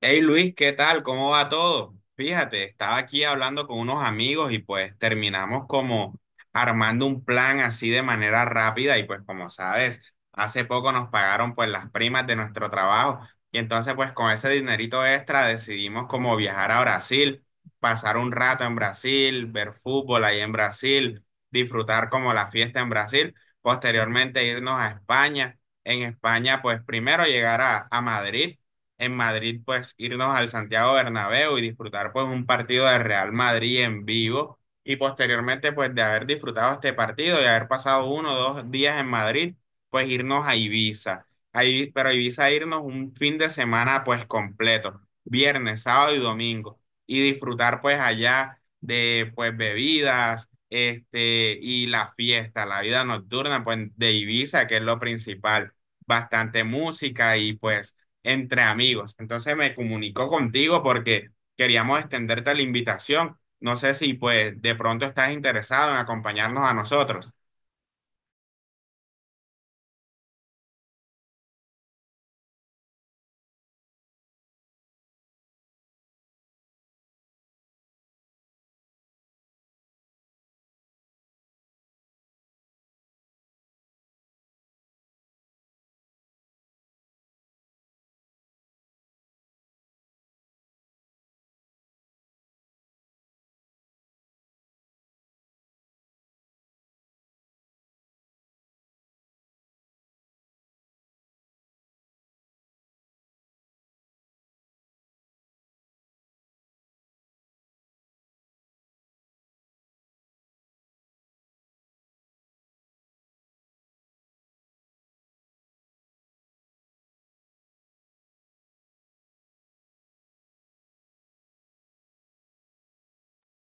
Hey Luis, ¿qué tal? ¿Cómo va todo? Fíjate, estaba aquí hablando con unos amigos y pues terminamos como armando un plan así de manera rápida y pues como sabes, hace poco nos pagaron pues las primas de nuestro trabajo y entonces pues con ese dinerito extra decidimos como viajar a Brasil, pasar un rato en Brasil, ver fútbol ahí en Brasil, disfrutar como la fiesta en Brasil, posteriormente irnos a España. En España pues primero llegar a Madrid, en Madrid, pues irnos al Santiago Bernabéu y disfrutar pues un partido de Real Madrid en vivo y posteriormente pues de haber disfrutado este partido y haber pasado uno o dos días en Madrid, pues irnos a Ibiza. Ahí, pero a Ibiza irnos un fin de semana pues completo, viernes, sábado y domingo y disfrutar pues allá de pues bebidas, este y la fiesta, la vida nocturna pues de Ibiza, que es lo principal, bastante música y pues entre amigos. Entonces me comunicó contigo porque queríamos extenderte la invitación. No sé si pues de pronto estás interesado en acompañarnos a nosotros.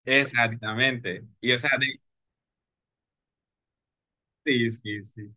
Exactamente. Y o sea, sí, sí, sí.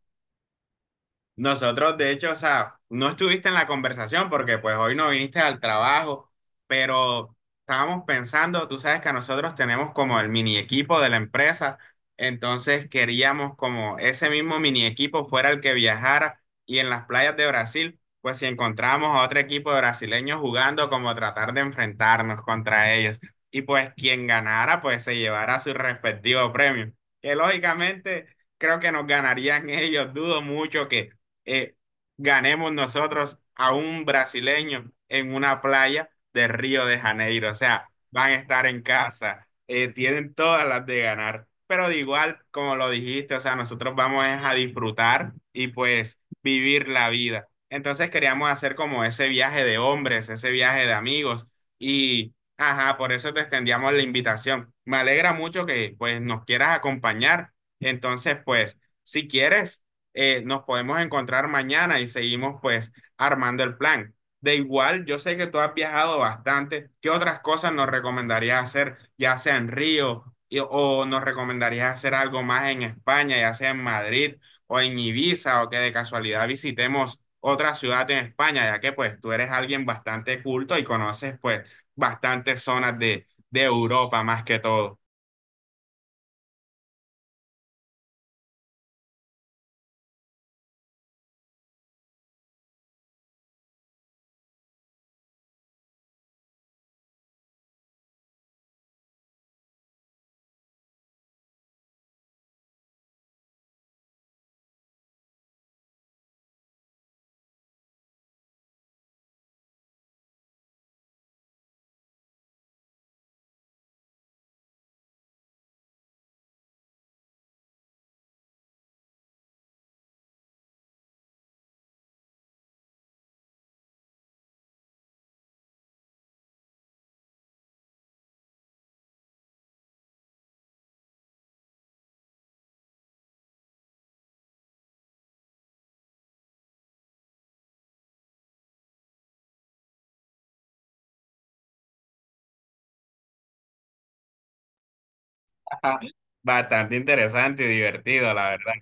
Nosotros, de hecho, o sea, no estuviste en la conversación porque pues hoy no viniste al trabajo, pero estábamos pensando, tú sabes que nosotros tenemos como el mini equipo de la empresa, entonces queríamos como ese mismo mini equipo fuera el que viajara y en las playas de Brasil, pues si encontramos a otro equipo de brasileños jugando, como tratar de enfrentarnos contra ellos. Y pues quien ganara, pues se llevara su respectivo premio, que lógicamente creo que nos ganarían ellos, dudo mucho que eh, ganemos nosotros a un brasileño en una playa de Río de Janeiro. O sea, van a estar en casa, tienen todas las de ganar. Pero de igual, como lo dijiste, o sea, nosotros vamos es a disfrutar y pues vivir la vida. Entonces queríamos hacer como ese viaje de hombres, ese viaje de amigos y, ajá, por eso te extendíamos la invitación. Me alegra mucho que pues nos quieras acompañar. Entonces, pues, si quieres nos podemos encontrar mañana y seguimos pues armando el plan. De igual, yo sé que tú has viajado bastante. ¿Qué otras cosas nos recomendarías hacer, ya sea en Río o nos recomendarías hacer algo más en España, ya sea en Madrid o en Ibiza o que de casualidad visitemos otra ciudad en España, ya que pues tú eres alguien bastante culto y conoces pues bastantes zonas de Europa más que todo. Bastante interesante y divertido, la verdad.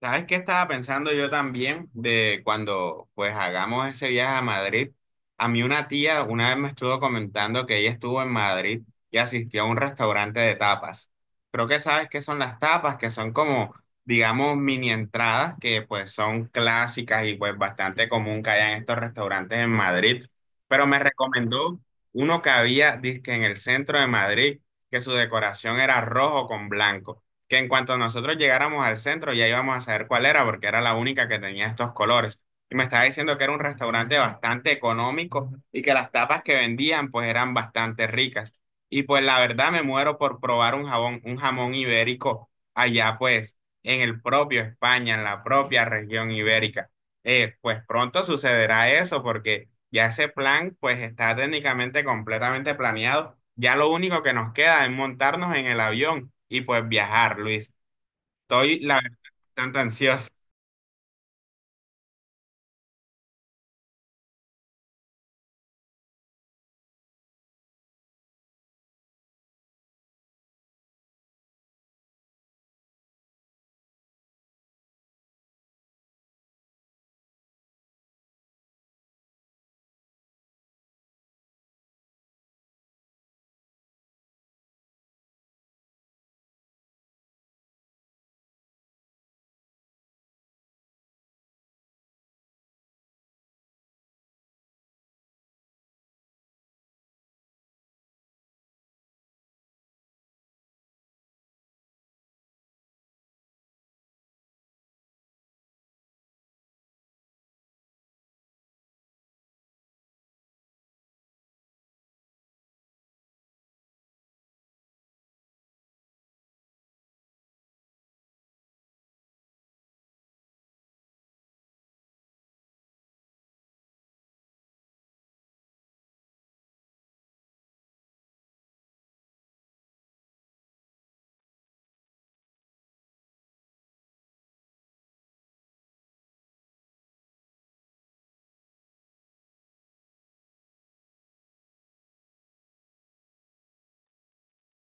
¿Sabes qué estaba pensando yo también de cuando pues hagamos ese viaje a Madrid? A mí una tía una vez me estuvo comentando que ella estuvo en Madrid y asistió a un restaurante de tapas. Creo que sabes qué son las tapas, que son como, digamos, mini entradas que pues son clásicas y pues bastante común que haya en estos restaurantes en Madrid. Pero me recomendó uno que había, dizque en el centro de Madrid, que su decoración era rojo con blanco, que en cuanto nosotros llegáramos al centro ya íbamos a saber cuál era, porque era la única que tenía estos colores. Y me estaba diciendo que era un restaurante bastante económico y que las tapas que vendían pues eran bastante ricas. Y pues la verdad me muero por probar un jabón, un jamón ibérico allá pues en el propio España, en la propia región ibérica. Pues pronto sucederá eso porque ya ese plan pues está técnicamente completamente planeado. Ya lo único que nos queda es montarnos en el avión y pues viajar, Luis. Estoy la verdad bastante ansioso.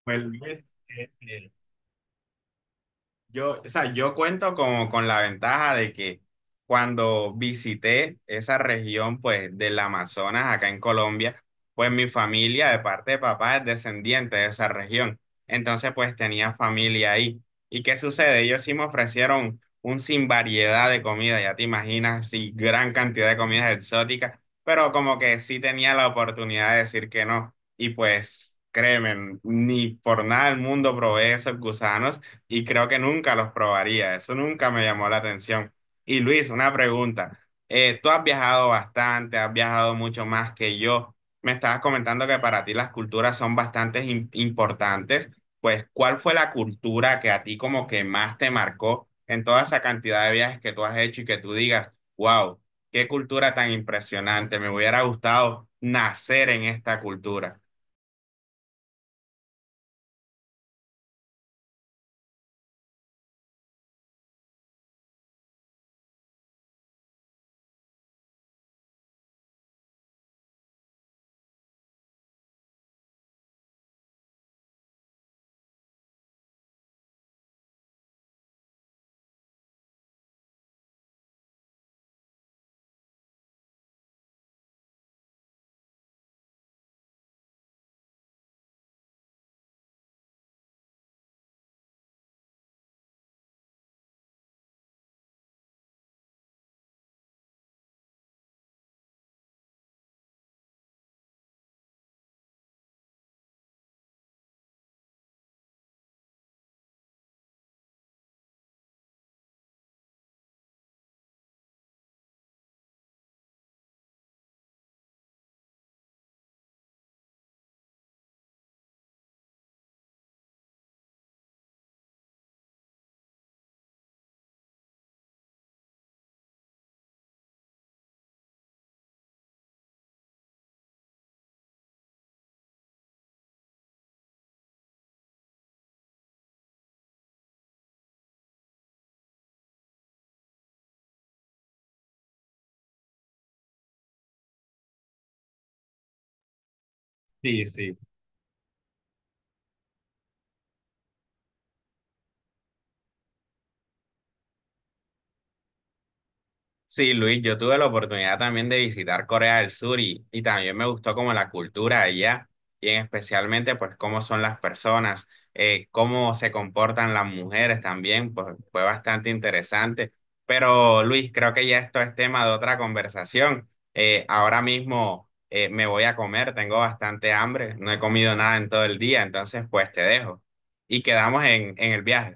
Pues Luis, yo, o sea, yo cuento como con la ventaja de que cuando visité esa región, pues, del Amazonas, acá en Colombia, pues mi familia de parte de papá es descendiente de esa región. Entonces, pues, tenía familia ahí. ¿Y qué sucede? Ellos sí me ofrecieron un sin variedad de comida, ya te imaginas, sí, gran cantidad de comidas exóticas, pero como que sí tenía la oportunidad de decir que no. Y pues, créeme, ni por nada del mundo probé esos gusanos y creo que nunca los probaría. Eso nunca me llamó la atención. Y Luis, una pregunta. Tú has viajado bastante, has viajado mucho más que yo. Me estabas comentando que para ti las culturas son bastante importantes. Pues, ¿cuál fue la cultura que a ti como que más te marcó en toda esa cantidad de viajes que tú has hecho y que tú digas, wow, qué cultura tan impresionante, me hubiera gustado nacer en esta cultura? Sí, sí. Sí, Luis, yo tuve la oportunidad también de visitar Corea del Sur y también me gustó como la cultura de allá y en especialmente pues cómo son las personas, cómo se comportan las mujeres también, pues fue bastante interesante. Pero Luis, creo que ya esto es tema de otra conversación. Ahora mismo me voy a comer, tengo bastante hambre, no he comido nada en todo el día, entonces pues te dejo y quedamos en el viaje.